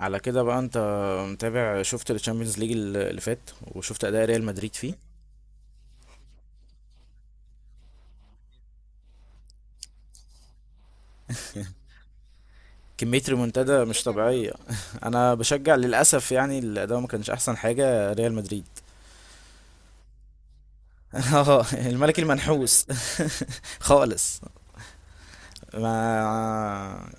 على كده بقى، انت متابع؟ شفت الشامبيونز ليج اللي فات وشفت اداء ريال مدريد فيه؟ كمية ريمونتادا مش طبيعية. انا بشجع للاسف، يعني الاداء ما كانش احسن حاجة ريال مدريد. اه الملك المنحوس. خالص. ما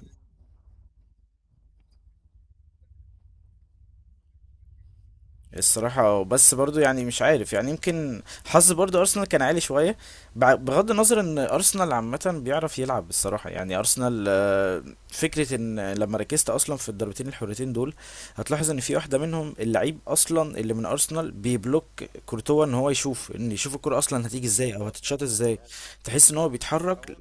الصراحة بس برضو، يعني مش عارف، يعني يمكن حظ برضو أرسنال كان عالي شوية. بغض النظر إن أرسنال عامة بيعرف يلعب الصراحة، يعني أرسنال فكرة ان لما ركزت اصلا في الضربتين الحرتين دول، هتلاحظ ان في واحدة منهم اللعيب اصلا اللي من ارسنال بيبلوك كورتوا ان هو يشوف، ان يشوف الكرة اصلا هتيجي ازاي او هتتشاط ازاي. تحس ان هو بيتحرك،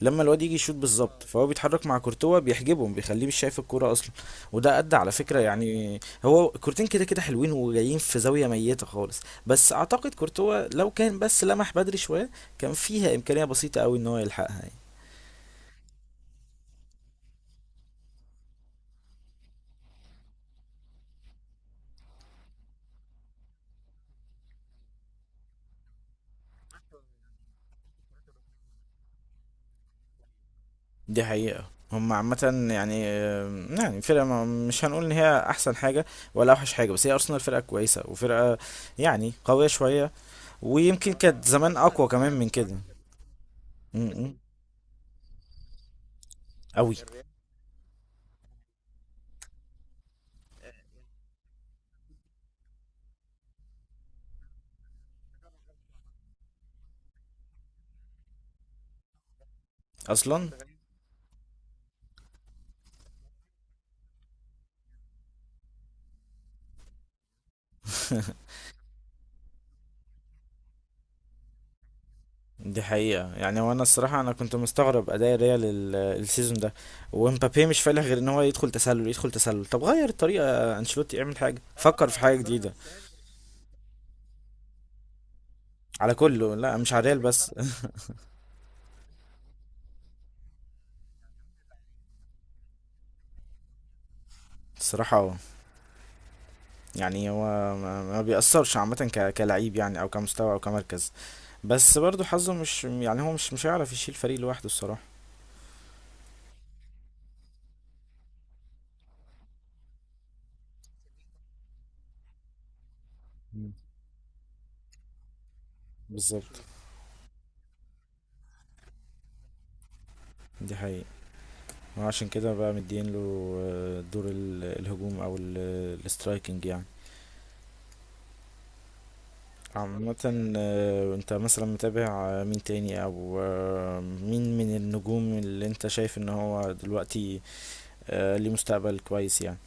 لما الواد يجي يشوط بالظبط فهو بيتحرك مع كورتوا، بيحجبهم، بيخليه مش شايف الكرة اصلا. وده ادى على فكرة، يعني هو الكورتين كده كده حلوين وجايين في زاوية ميتة خالص. بس اعتقد كورتوا لو كان بس لمح بدري شوية كان فيها امكانية بسيطة قوي ان هو يلحقها. دي حقيقة. هم عامة يعني فرقة مش هنقول ان هي احسن حاجة ولا اوحش حاجة، بس هي ارسنال فرقة كويسة وفرقة، يعني قوية شوية، ويمكن كانت زمان اقوى كمان من كده. م- م. قوي اصلا. دي حقيقة. يعني هو انا الصراحة، انا كنت مستغرب اداء ريال السيزون ده، ومبابي مش فالح غير ان هو يدخل تسلل يدخل تسلل. طب غير الطريقة، انشيلوتي اعمل حاجة، فكر في حاجة جديدة. على كله، لا، مش على ريال بس. الصراحة، يعني هو ما بيأثرش عامة كلعيب، يعني او كمستوى او كمركز. بس برضو حظه مش، يعني هو مش هيعرف يشيل فريق لوحده الصراحة. مم. بالظبط. دي حقيقة. وعشان كده بقى مدين له دور الهجوم او الاسترايكنج يعني. عامة، انت مثلا متابع، مين تاني، او مين من النجوم اللي انت شايف ان هو دلوقتي ليه مستقبل كويس يعني؟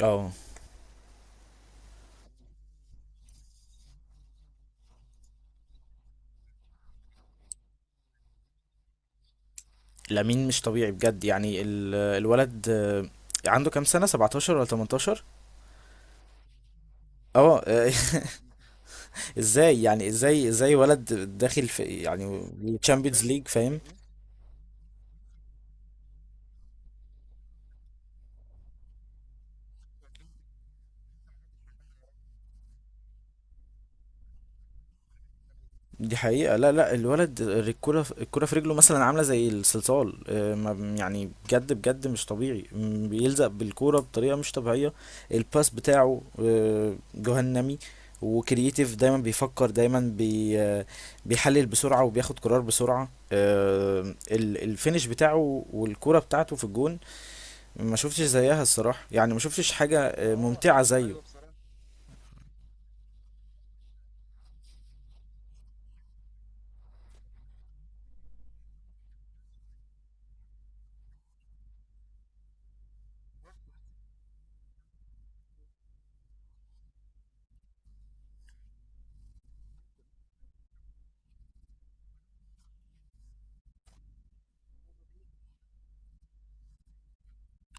اه، لامين مش طبيعي بجد، يعني الولد عنده كام سنة، 17 ولا 18؟ اه، ازاي، يعني ازاي ازاي ولد داخل في، يعني تشامبيونز ليج فاهم؟ دي حقيقة. لا لا، الولد الكرة الكرة في رجله مثلا عاملة زي الصلصال، يعني بجد بجد مش طبيعي، بيلزق بالكرة بطريقة مش طبيعية. الباس بتاعه جهنمي. وكرييتيف، دايما بيفكر، دايما بي آه، بيحلل بسرعة، وبياخد قرار بسرعة. الفينش بتاعه والكرة بتاعته في الجون، ما شفتش زيها الصراحة، يعني ما شفتش حاجة ممتعة زيه.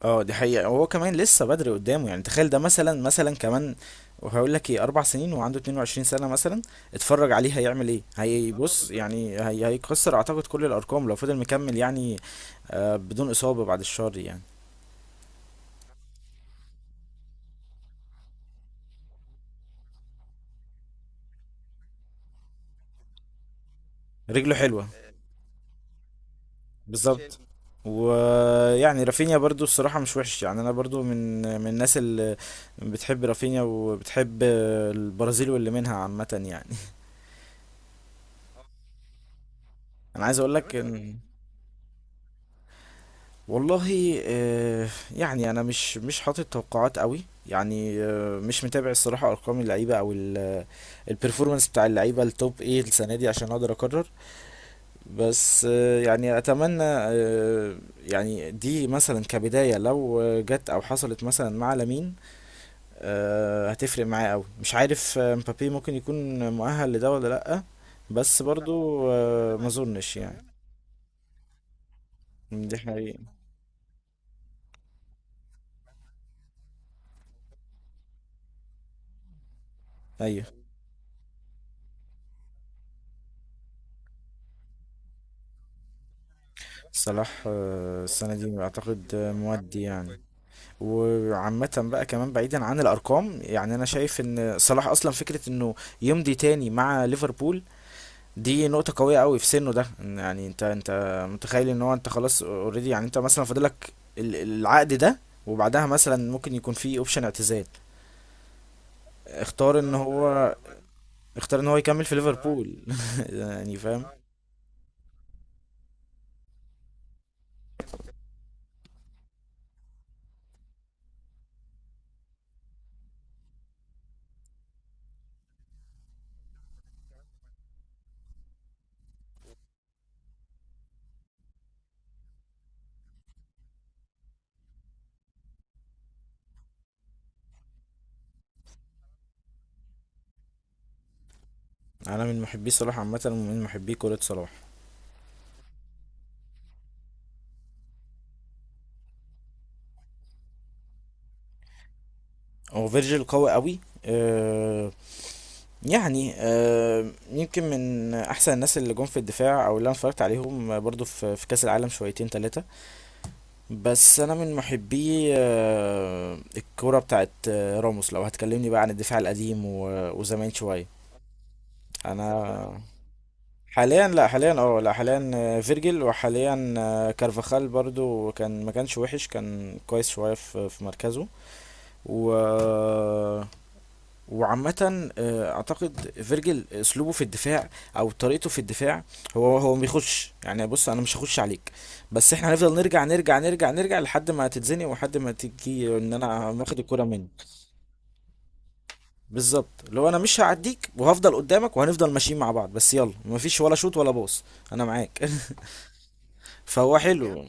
اه دي حقيقة. هو كمان لسه بدري قدامه، يعني تخيل ده مثلا كمان وهقول لك ايه، 4 سنين وعنده 22 سنة مثلا، اتفرج عليه هيعمل ايه. هيبص، يعني هيكسر اعتقد كل الارقام لو فضل مكمل يعني. بدون اصابة بعد الشر يعني. رجله حلوة بالظبط. ويعني رافينيا برضو الصراحة مش وحش، يعني أنا برضو من الناس اللي بتحب رافينيا وبتحب البرازيل واللي منها عامة يعني. أنا عايز أقول لك إن، والله، يعني انا مش حاطط توقعات قوي، يعني مش متابع الصراحه ارقام اللعيبه او البرفورمانس بتاع اللعيبه التوب ايه السنه دي عشان اقدر اقرر. بس يعني اتمنى، يعني دي مثلا كبدايه لو جت او حصلت مثلا مع لامين، هتفرق معاه قوي. مش عارف، مبابي ممكن يكون مؤهل لده ولا لا؟ بس برضو ما اظنش يعني. دي حقيقة، ايوه. صلاح السنة دي أعتقد مودي يعني. وعامة بقى كمان بعيدا عن الأرقام، يعني أنا شايف إن صلاح أصلا فكرة إنه يمضي تاني مع ليفربول، دي نقطة قوية قوي في سنه ده. إن يعني أنت متخيل إن هو أنت خلاص أوريدي، يعني أنت مثلا فاضلك العقد ده، وبعدها مثلا ممكن يكون في اوبشن اعتزال، اختار ان هو اختار ان هو يكمل في ليفربول. يعني فاهم. انا من محبي صلاح عامه، ومن محبي كرة صلاح. هو فيرجيل قوي قوي، يعني يمكن من احسن الناس اللي جم في الدفاع، او اللي انا اتفرجت عليهم برضو في كاس العالم شويتين ثلاثه. بس انا من محبي الكوره بتاعت راموس، لو هتكلمني بقى عن الدفاع القديم وزمان شويه. انا حاليا، لا حاليا، اه لا حاليا، فيرجيل. وحاليا كارفاخال برضو، كان ما كانش وحش، كان كويس شويه في مركزه. و وعامة، أعتقد فيرجل أسلوبه في الدفاع، أو طريقته في الدفاع، هو ما بيخش. يعني بص، أنا مش هخش عليك، بس إحنا هنفضل نرجع نرجع نرجع نرجع لحد ما تتزنق، ولحد ما تيجي إن أنا واخد الكرة منك. بالظبط. لو أنا مش هعديك وهفضل قدامك، وهنفضل ماشيين مع بعض، بس يلا، مفيش ولا شوط ولا باص. أنا معاك. فهو حلو.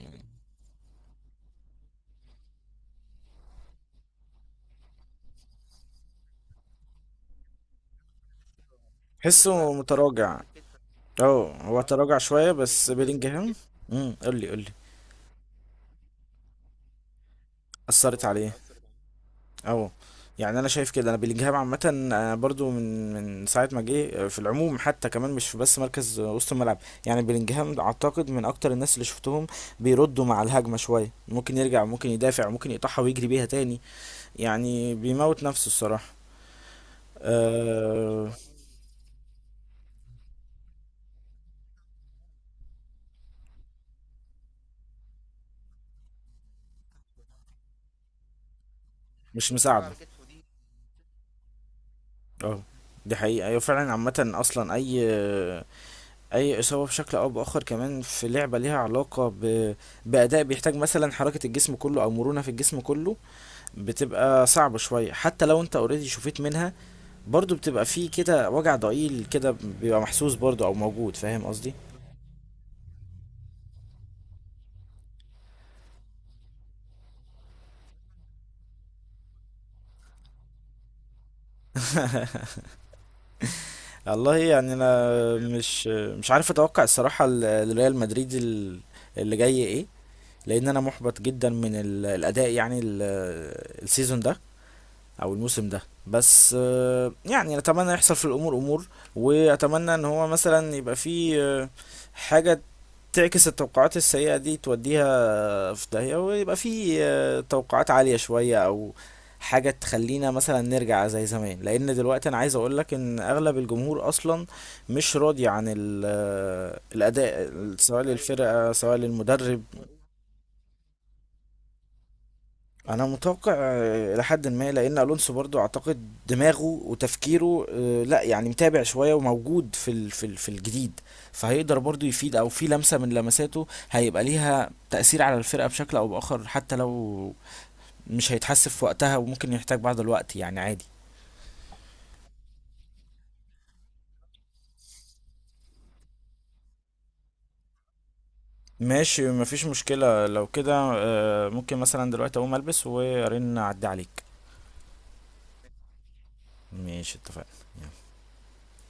حسه متراجع. اه هو تراجع شوية، بس بيلينجهام. قول لي قول لي. أثرت عليه. اه، يعني انا شايف كده. انا بلينجهام عامه برضو من من ساعه ما جه، في العموم حتى كمان، مش في بس مركز وسط الملعب. يعني بلينجهام اعتقد من اكتر الناس اللي شفتهم بيردوا مع الهجمه شويه، ممكن يرجع، ممكن يدافع، ممكن يقطعها ويجري بيها تاني، يعني بيموت نفسه الصراحه. أه، مش مساعده على كده. اه دي حقيقة، أيوة فعلا. عامة أصلا، أي إصابة بشكل أو بآخر، كمان في لعبة ليها علاقة بأداء بيحتاج مثلا حركة الجسم كله أو مرونة في الجسم كله، بتبقى صعبة شوية. حتى لو انت اوريدي شفيت منها، برضو بتبقى في كده وجع ضئيل كده، بيبقى محسوس برضو او موجود، فاهم قصدي؟ والله، يعني انا مش عارف اتوقع الصراحة الريال مدريد اللي جاي ايه، لان انا محبط جدا من الاداء، يعني السيزون ده، او الموسم ده. بس يعني اتمنى يحصل في الامور امور، واتمنى ان هو مثلا يبقى في حاجة تعكس التوقعات السيئة دي، توديها في داهية، ويبقى في توقعات عالية شوية، او حاجة تخلينا مثلا نرجع زي زمان. لان دلوقتي انا عايز اقولك ان اغلب الجمهور اصلا مش راضي عن الاداء، سواء للفرقة سواء للمدرب. انا متوقع الى حد ما، لان الونسو برضو اعتقد دماغه وتفكيره لا يعني متابع شوية، وموجود في في الجديد، فهيقدر برضو يفيد، او في لمسة من لمساته هيبقى ليها تأثير على الفرقة بشكل او بآخر، حتى لو مش هيتحسب في وقتها وممكن يحتاج بعض الوقت، يعني عادي. ماشي، مفيش مشكلة لو كده. ممكن مثلا دلوقتي اقوم البس وارن، اعدي عليك. ماشي، اتفقنا.